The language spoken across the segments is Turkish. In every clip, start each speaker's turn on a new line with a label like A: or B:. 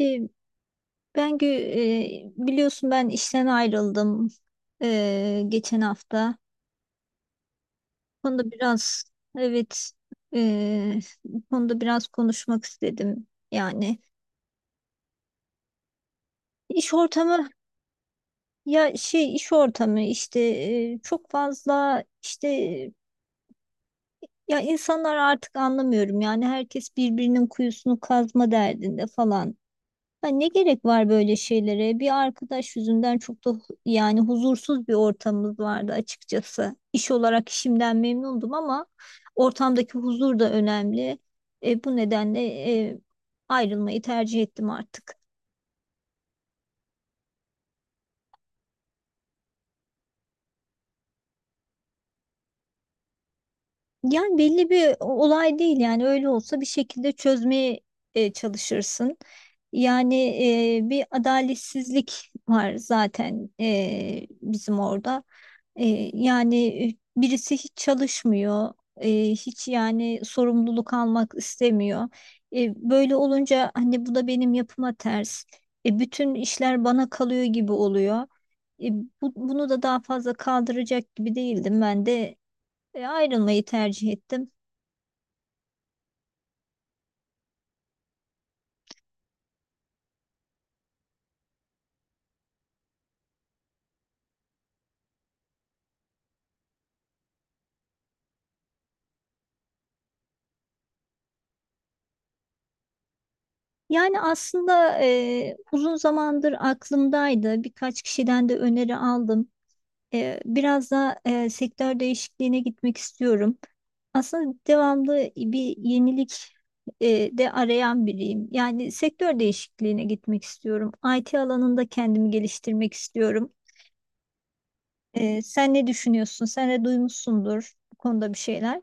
A: E, ben gö- biliyorsun ben işten ayrıldım geçen hafta. Bu Konuda biraz evet e, bu konuda biraz konuşmak istedim. Yani iş ortamı ya şey iş ortamı işte e, çok fazla işte, insanlar artık anlamıyorum, yani herkes birbirinin kuyusunu kazma derdinde falan. Ya ne gerek var böyle şeylere? Bir arkadaş yüzünden çok da yani huzursuz bir ortamımız vardı açıkçası. İş olarak işimden memnundum ama ortamdaki huzur da önemli. Bu nedenle e, ayrılmayı tercih ettim artık. Yani belli bir olay değil, yani öyle olsa bir şekilde çözmeye çalışırsın. Yani bir adaletsizlik var zaten bizim orada. E, yani Birisi hiç çalışmıyor, hiç yani sorumluluk almak istemiyor. Böyle olunca hani bu da benim yapıma ters. Bütün işler bana kalıyor gibi oluyor. E, Bunu da daha fazla kaldıracak gibi değildim, ben de ayrılmayı tercih ettim. Yani aslında uzun zamandır aklımdaydı. Birkaç kişiden de öneri aldım. Biraz da sektör değişikliğine gitmek istiyorum. Aslında devamlı bir yenilik de arayan biriyim. Yani sektör değişikliğine gitmek istiyorum. IT alanında kendimi geliştirmek istiyorum. Sen ne düşünüyorsun? Sen de duymuşsundur bu konuda bir şeyler.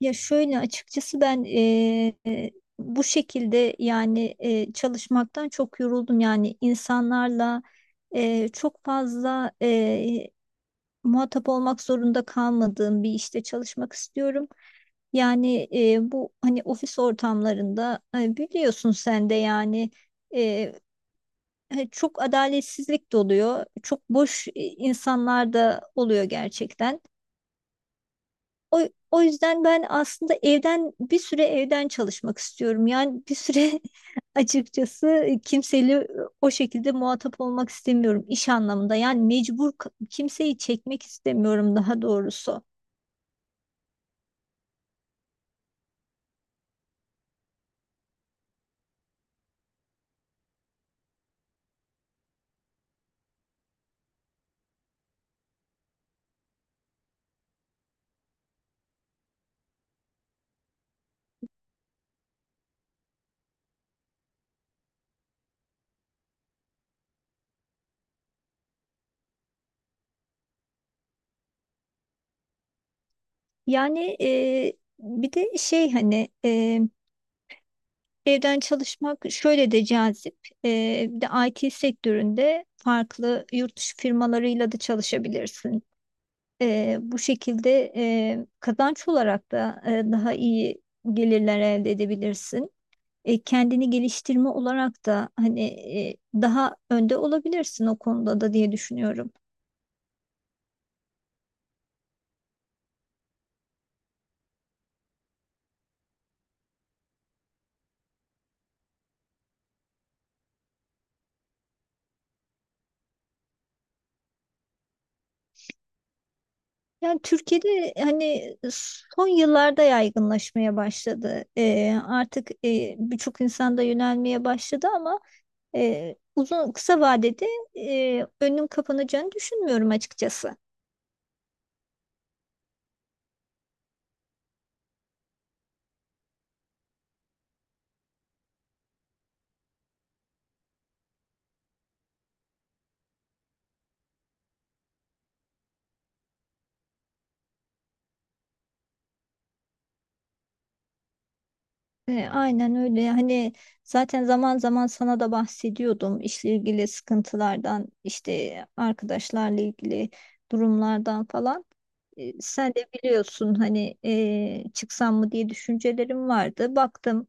A: Ya şöyle açıkçası ben bu şekilde, yani çalışmaktan çok yoruldum. Yani insanlarla çok fazla muhatap olmak zorunda kalmadığım bir işte çalışmak istiyorum. Yani bu hani ofis ortamlarında biliyorsun sen de, yani e, çok adaletsizlik de oluyor. Çok boş insanlar da oluyor gerçekten. O, o yüzden ben aslında bir süre evden çalışmak istiyorum. Yani bir süre açıkçası kimseyle o şekilde muhatap olmak istemiyorum iş anlamında. Yani mecbur kimseyi çekmek istemiyorum, daha doğrusu. Yani bir de evden çalışmak şöyle de cazip. Bir de IT sektöründe farklı yurt dışı firmalarıyla da çalışabilirsin. Bu şekilde kazanç olarak da daha iyi gelirler elde edebilirsin. Kendini geliştirme olarak da hani daha önde olabilirsin o konuda da diye düşünüyorum. Yani Türkiye'de hani son yıllarda yaygınlaşmaya başladı. Artık birçok insan da yönelmeye başladı ama uzun kısa vadede önüm kapanacağını düşünmüyorum açıkçası. Aynen öyle. Hani zaten zaman zaman sana da bahsediyordum işle ilgili sıkıntılardan, işte arkadaşlarla ilgili durumlardan falan. Sen de biliyorsun hani, çıksam mı diye düşüncelerim vardı. Baktım.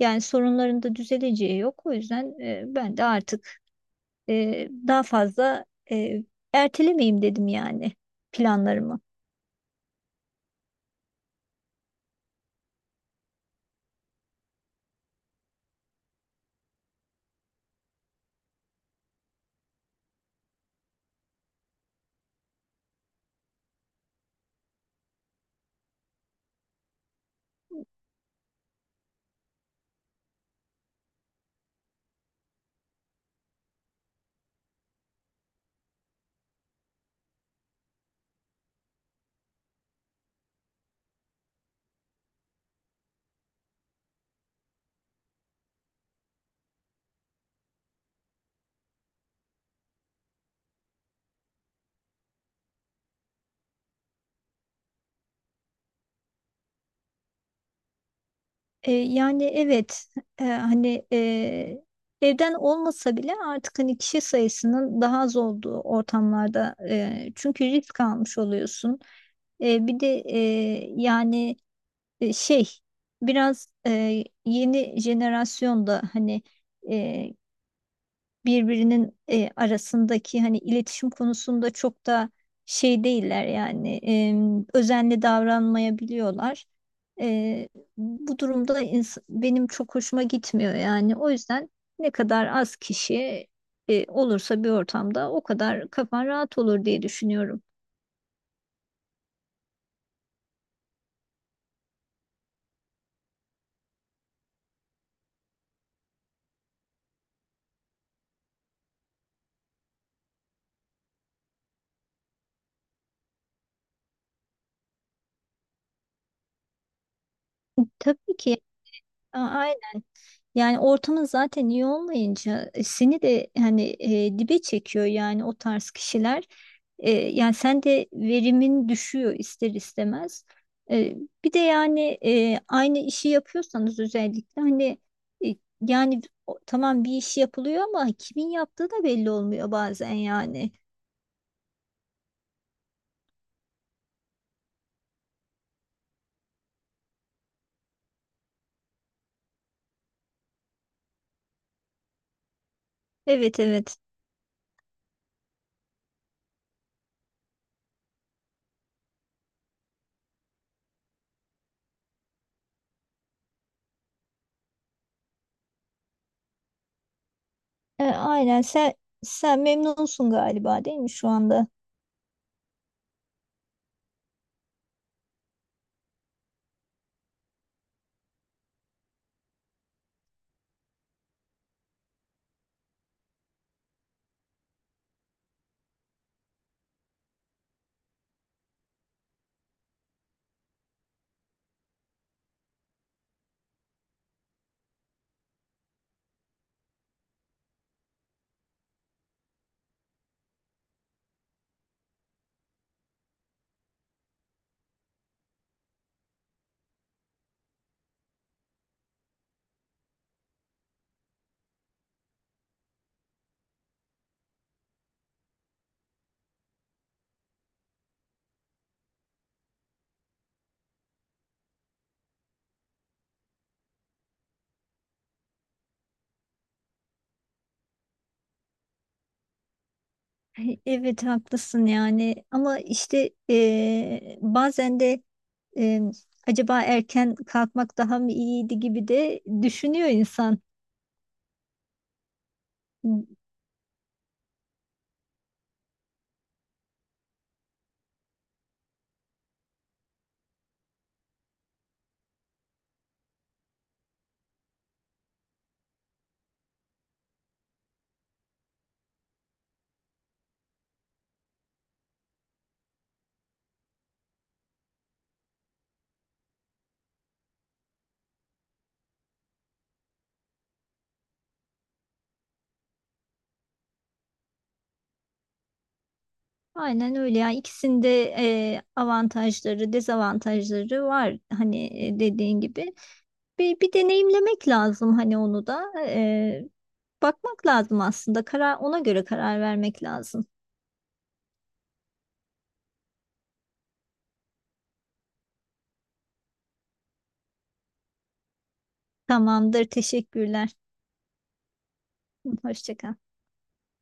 A: Yani sorunların da düzeleceği yok. O yüzden ben de artık daha fazla e, ertelemeyeyim dedim, yani planlarımı. Yani evet, hani, evden olmasa bile artık hani kişi sayısının daha az olduğu ortamlarda, çünkü risk almış oluyorsun. Bir de yani e, şey biraz yeni jenerasyonda hani e, birbirinin arasındaki hani iletişim konusunda çok da şey değiller, yani özenli davranmayabiliyorlar. E, Bu durumda benim çok hoşuma gitmiyor, yani o yüzden ne kadar az kişi olursa bir ortamda o kadar kafan rahat olur diye düşünüyorum. Tabii ki. a- Yani ortamın zaten iyi olmayınca seni de hani dibe çekiyor yani, o tarz kişiler. Yani sen de verimin düşüyor ister istemez. E, Bir de yani, aynı işi yapıyorsanız özellikle hani, e, yani tamam, bir iş yapılıyor ama kimin yaptığı da belli olmuyor bazen yani. Evet, evet. Aynen. Sen memnunsun galiba, değil mi şu anda? Ay, evet haklısın yani, ama işte bazen de eee, acaba erken kalkmak daha mı iyiydi gibi de düşünüyor insan. Aynen öyle. Yani ikisinde avantajları, dezavantajları var hani, dediğin gibi. Bir deneyimlemek lazım hani, onu da. Bakmak lazım aslında, ona göre karar vermek lazım. Tamamdır, teşekkürler. Hoşça kal.